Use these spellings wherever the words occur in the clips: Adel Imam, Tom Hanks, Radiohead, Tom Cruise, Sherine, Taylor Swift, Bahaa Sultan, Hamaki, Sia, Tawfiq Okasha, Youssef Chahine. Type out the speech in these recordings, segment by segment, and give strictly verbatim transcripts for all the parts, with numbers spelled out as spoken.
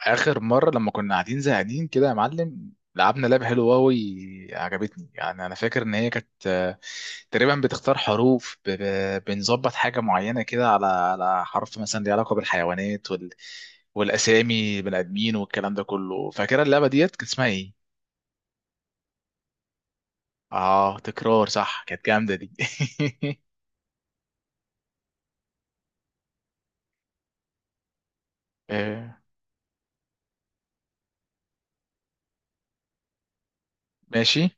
اخر مره لما كنا قاعدين زهقانين كده يا معلم، لعبنا لعبه حلوه قوي. عجبتني يعني. انا فاكر ان هي كانت آه، تقريبا بتختار حروف، ب- ب- بنظبط حاجه معينه كده على على حرف مثلا ليه علاقه بالحيوانات وال... والاسامي بني ادمين والكلام ده كله. فاكره اللعبه ديت كانت اسمها ايه؟ اه تكرار، صح، كانت جامده دي. آه، ماشي.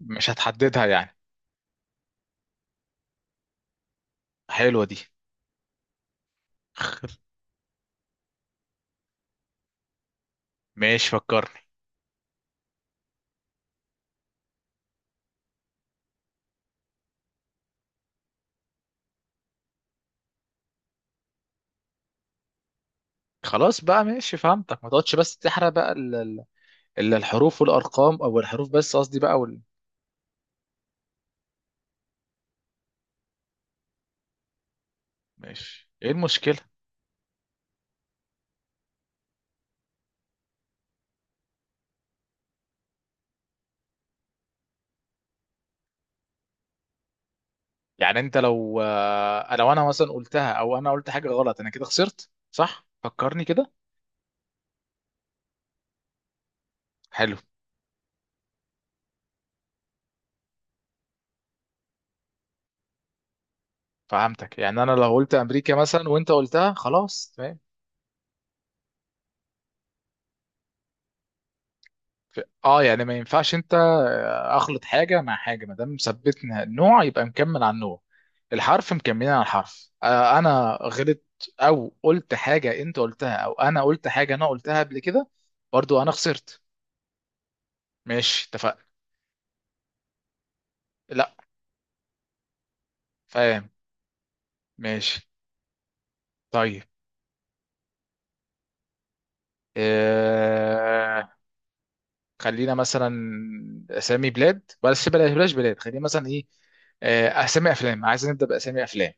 مش هتحددها يعني. حلوه دي. ماشي، فكرني. خلاص بقى، ماشي فهمتك. ما تقعدش بس تحرق بقى إلا الحروف والأرقام، أو الحروف بس قصدي بقى وال... ماشي. إيه المشكلة؟ يعني أنت لو آه، لو أنا مثلا قلتها، أو أنا قلت حاجة غلط، أنا كده خسرت صح؟ فكرني كده. حلو، فهمتك. يعني أنا لو قلت أمريكا مثلا وأنت قلتها، خلاص تمام. ف- اه، يعني ما ينفعش انت آه، اخلط حاجه مع حاجه. ما دام ثبتنا النوع، يبقى مكمل على النوع، الحرف مكملين على الحرف. آه، انا غلط، او قلت حاجه انت قلتها، او انا قلت حاجه انا قلتها قبل كده، برضو انا خسرت. ماشي اتفقنا. لا. فاهم. ماشي. طيب. آه... خلينا مثلا اسامي بلاد. بس بلاش بلاش بلاد، خلينا مثلا ايه، آه... اسامي افلام. عايز نبدا باسامي افلام،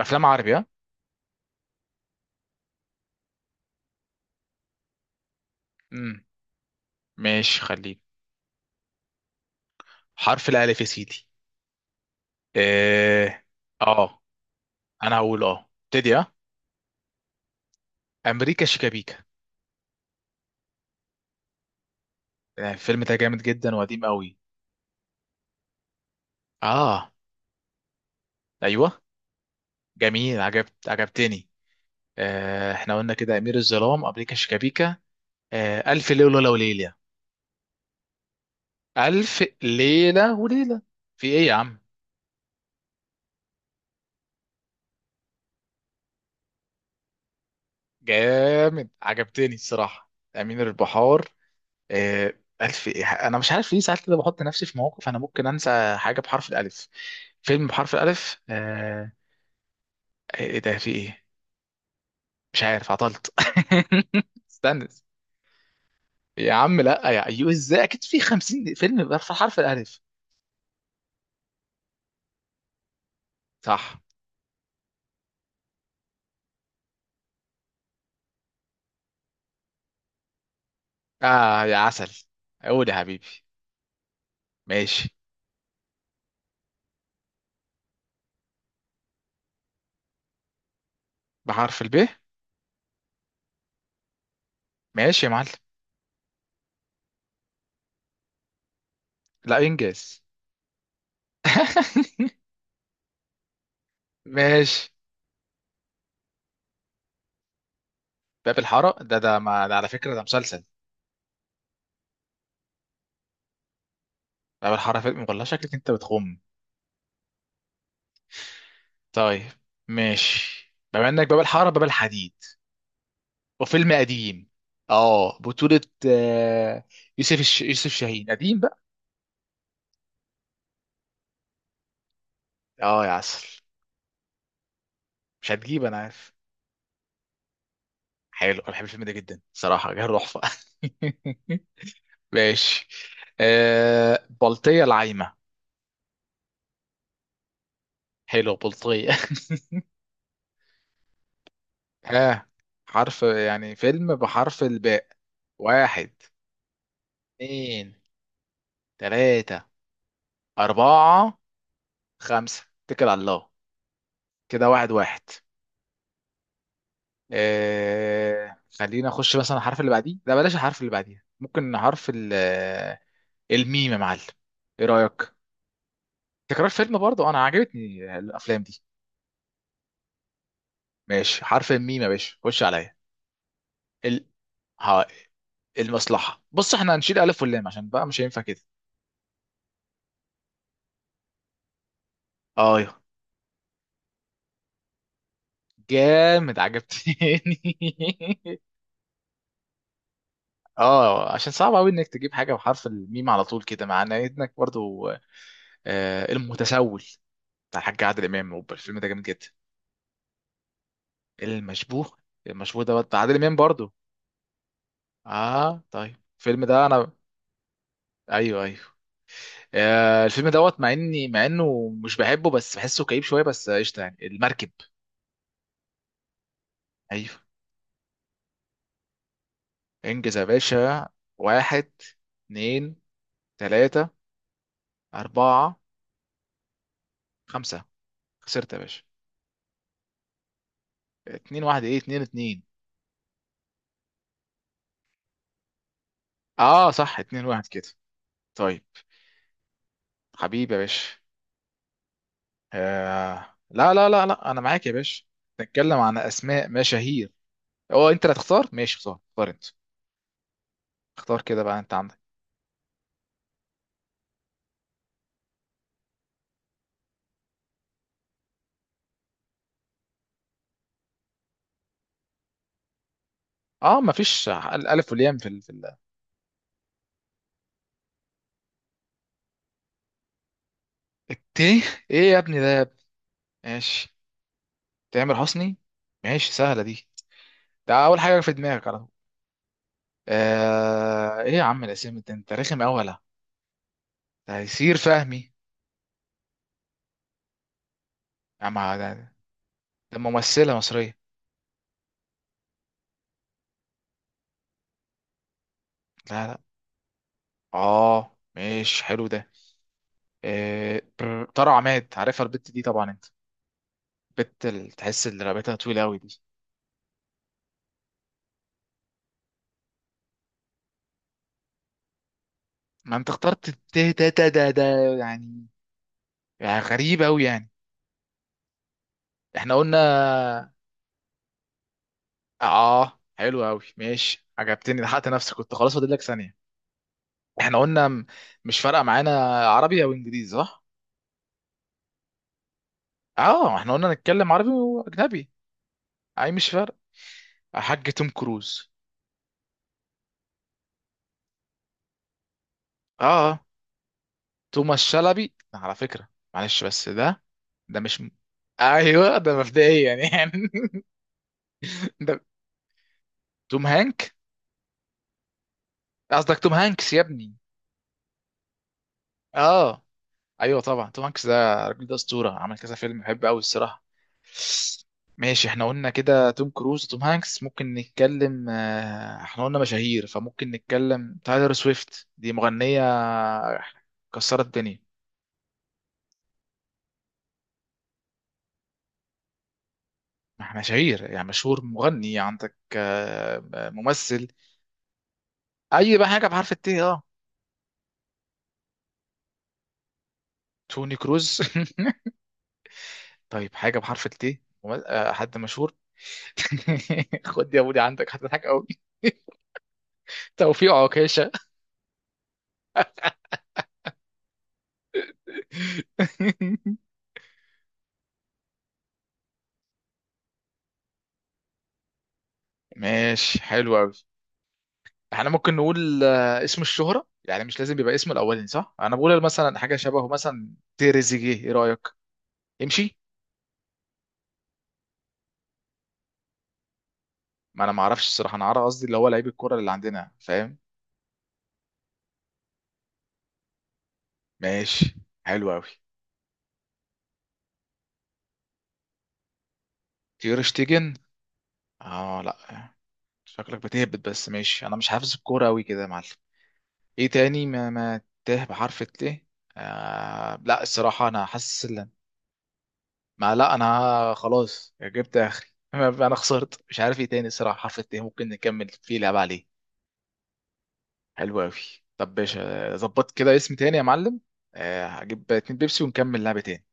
افلام عربي، ها؟ امم. ماشي خلينا. حرف الالف يا سيدي. اه. اه انا هقول، اه ابتدي، اه امريكا شيكابيكا. آه، الفيلم ده جامد جدا وقديم قوي. اه ايوه جميل، عجبت عجبتني آه... احنا قلنا كده امير الظلام، امريكا شيكابيكا، آه... الف ليله وليله. ألف ليلة وليلة. في إيه يا عم؟ جامد، عجبتني الصراحة، أمير البحار. آه، ألف إيه؟ أنا مش عارف ليه ساعات كده بحط نفسي في مواقف أنا ممكن أنسى حاجة بحرف الألف، فيلم بحرف الألف. آه، إيه إيه ده، في إيه؟ مش عارف، عطلت. استنى. يا عم لا، يا أيوه إزاي، أكيد في 50 فيلم بحرف، حرف الألف. صح. آه يا عسل. قول يا حبيبي. ماشي. بحرف الب. ماشي يا معلم. لا، إنجاز. ماشي. باب الحارة؟ ده ده ما ده على فكرة ده مسلسل. باب الحارة فيلم، والله شكلك انت بتخم. طيب، ماشي. بما انك باب الحارة، باب الحديد، وفيلم قديم. اه بطولة آه، يوسف الش... يوسف شاهين، قديم بقى. اه يا عسل. مش هتجيب، انا عارف. حلو، انا بحب الفيلم ده جدا صراحة، جه تحفة. ماشي. آه... بلطية العايمة. حلو، بلطية. ها. حرف، يعني فيلم بحرف الباء. واحد، اتنين، تلاتة، أربعة، خمسة، اتكل على الله. كده واحد واحد. آه... خلينا أخش مثلا الحرف اللي بعديه. لا بلاش الحرف اللي بعديه، ممكن حرف ال آه، الميم يا معلم. إيه رأيك؟ تكرار فيلم برضه، أنا عجبتني الأفلام دي. ماشي، حرف الميم يا باشا، خش عليا. ال... ها... المصلحة. بص احنا هنشيل ألف واللام، عشان بقى مش هينفع كده. أيوه. جامد، عجبتني. اه عشان صعب قوي انك تجيب حاجه بحرف الميم على طول كده، مع انك برضو آه المتسول، بتاع الحاج عادل امام، أوبا، الفيلم ده جامد جدا. المشبوه. المشبوه ده بتاع عادل امام برضو. اه طيب، الفيلم ده انا، ايوه ايوه، آه الفيلم دوت، مع اني، مع انه مش بحبه، بس بحسه كئيب شويه، بس قشطه يعني، المركب. ايوه. انجز يا باشا. واحد، اتنين، تلاته، اربعه، خمسه، خسرت يا باشا. اتنين واحد. ايه اتنين، اتنين؟ اه صح، اتنين واحد كده. طيب، حبيبي يا باشا. آه... لا لا لا لا، انا معاك يا باشا. نتكلم عن اسماء مشاهير. هو انت اللي هتختار؟ ماشي، اختار، اختار انت. اختار كده بقى انت عندك. اه، مفيش ال- الف والياء في ال... في ال... الت. ايه يا ابني ده، يا ابني؟ ماشي، تامر حسني. ماشي سهله دي، ده اول حاجه في دماغك على طول. آه... ايه يا عم الاسامي ده، انت رخم قوي ولا؟ تيسير فهمي. يا عم ده، ده ممثله مصريه. لا لا، اه ماشي حلو ده. آه، بر- طارق عماد. عارفها البت دي طبعا انت، بت اللي تحس اللي رقبتها طويله قوي دي. ما انت اخترت ده. ده ده ده ده يعني، يعني غريب قوي يعني. احنا قلنا، اه حلو قوي، ماشي عجبتني. لحقت نفسك، كنت خلاص فاضل لك ثانيه. احنا قلنا م- مش فارقه معانا، عربي او انجليزي صح؟ اه، احنا قلنا نتكلم عربي واجنبي. اي مش فارق. حاج توم كروز. اه. آه. توماس شلبي على فكرة، معلش بس ده، ده مش م- ايوه، ده مبدئيا يعني. ده توم هانك. قصدك توم هانكس يا ابني. اه ايوه طبعا. توم هانكس، ده الراجل ده اسطورة، عمل كذا فيلم بحبه قوي الصراحة. ماشي. احنا قلنا كده توم كروز وتوم هانكس. ممكن نتكلم آه، احنا قلنا مشاهير، فممكن نتكلم تايلر سويفت، دي مغنية كسرت الدنيا. ما احنا مشاهير، يعني مشهور مغني عندك، آه، آه، ممثل. اي بقى حاجه بحرف الت اه. توني كروز. طيب، حاجه بحرف الت، وم- آه، حد مشهور. خد يا بودي عندك هتضحك قوي. توفيق عكاشه. ماشي، حلو قوي. احنا ممكن نقول آه، اسم الشهرة يعني، مش لازم يبقى اسم الاولاني صح؟ انا بقول مثلا حاجة شبهه، مثلا تريزيجيه، ايه رأيك؟ امشي. ما انا ما اعرفش الصراحة، انا عارف قصدي اللي هو لعيب الكرة اللي عندنا، فاهم؟ ماشي، حلو قوي. تير شتيجن. اه لا، شكلك بتهبط بس. ماشي انا مش حافظ الكوره قوي كده يا معلم. ايه تاني؟ ما ما تاه بحرف الت. آه لا، الصراحه انا حاسس ان ما لا، انا خلاص جبت اخري. انا خسرت، مش عارف ايه تاني الصراحه. حرف الت ممكن نكمل فيه، لعب عليه. حلو قوي. طب باشا، ظبط كده اسم تاني يا معلم. آه هجيب اتنين بيبسي ونكمل لعبه تاني.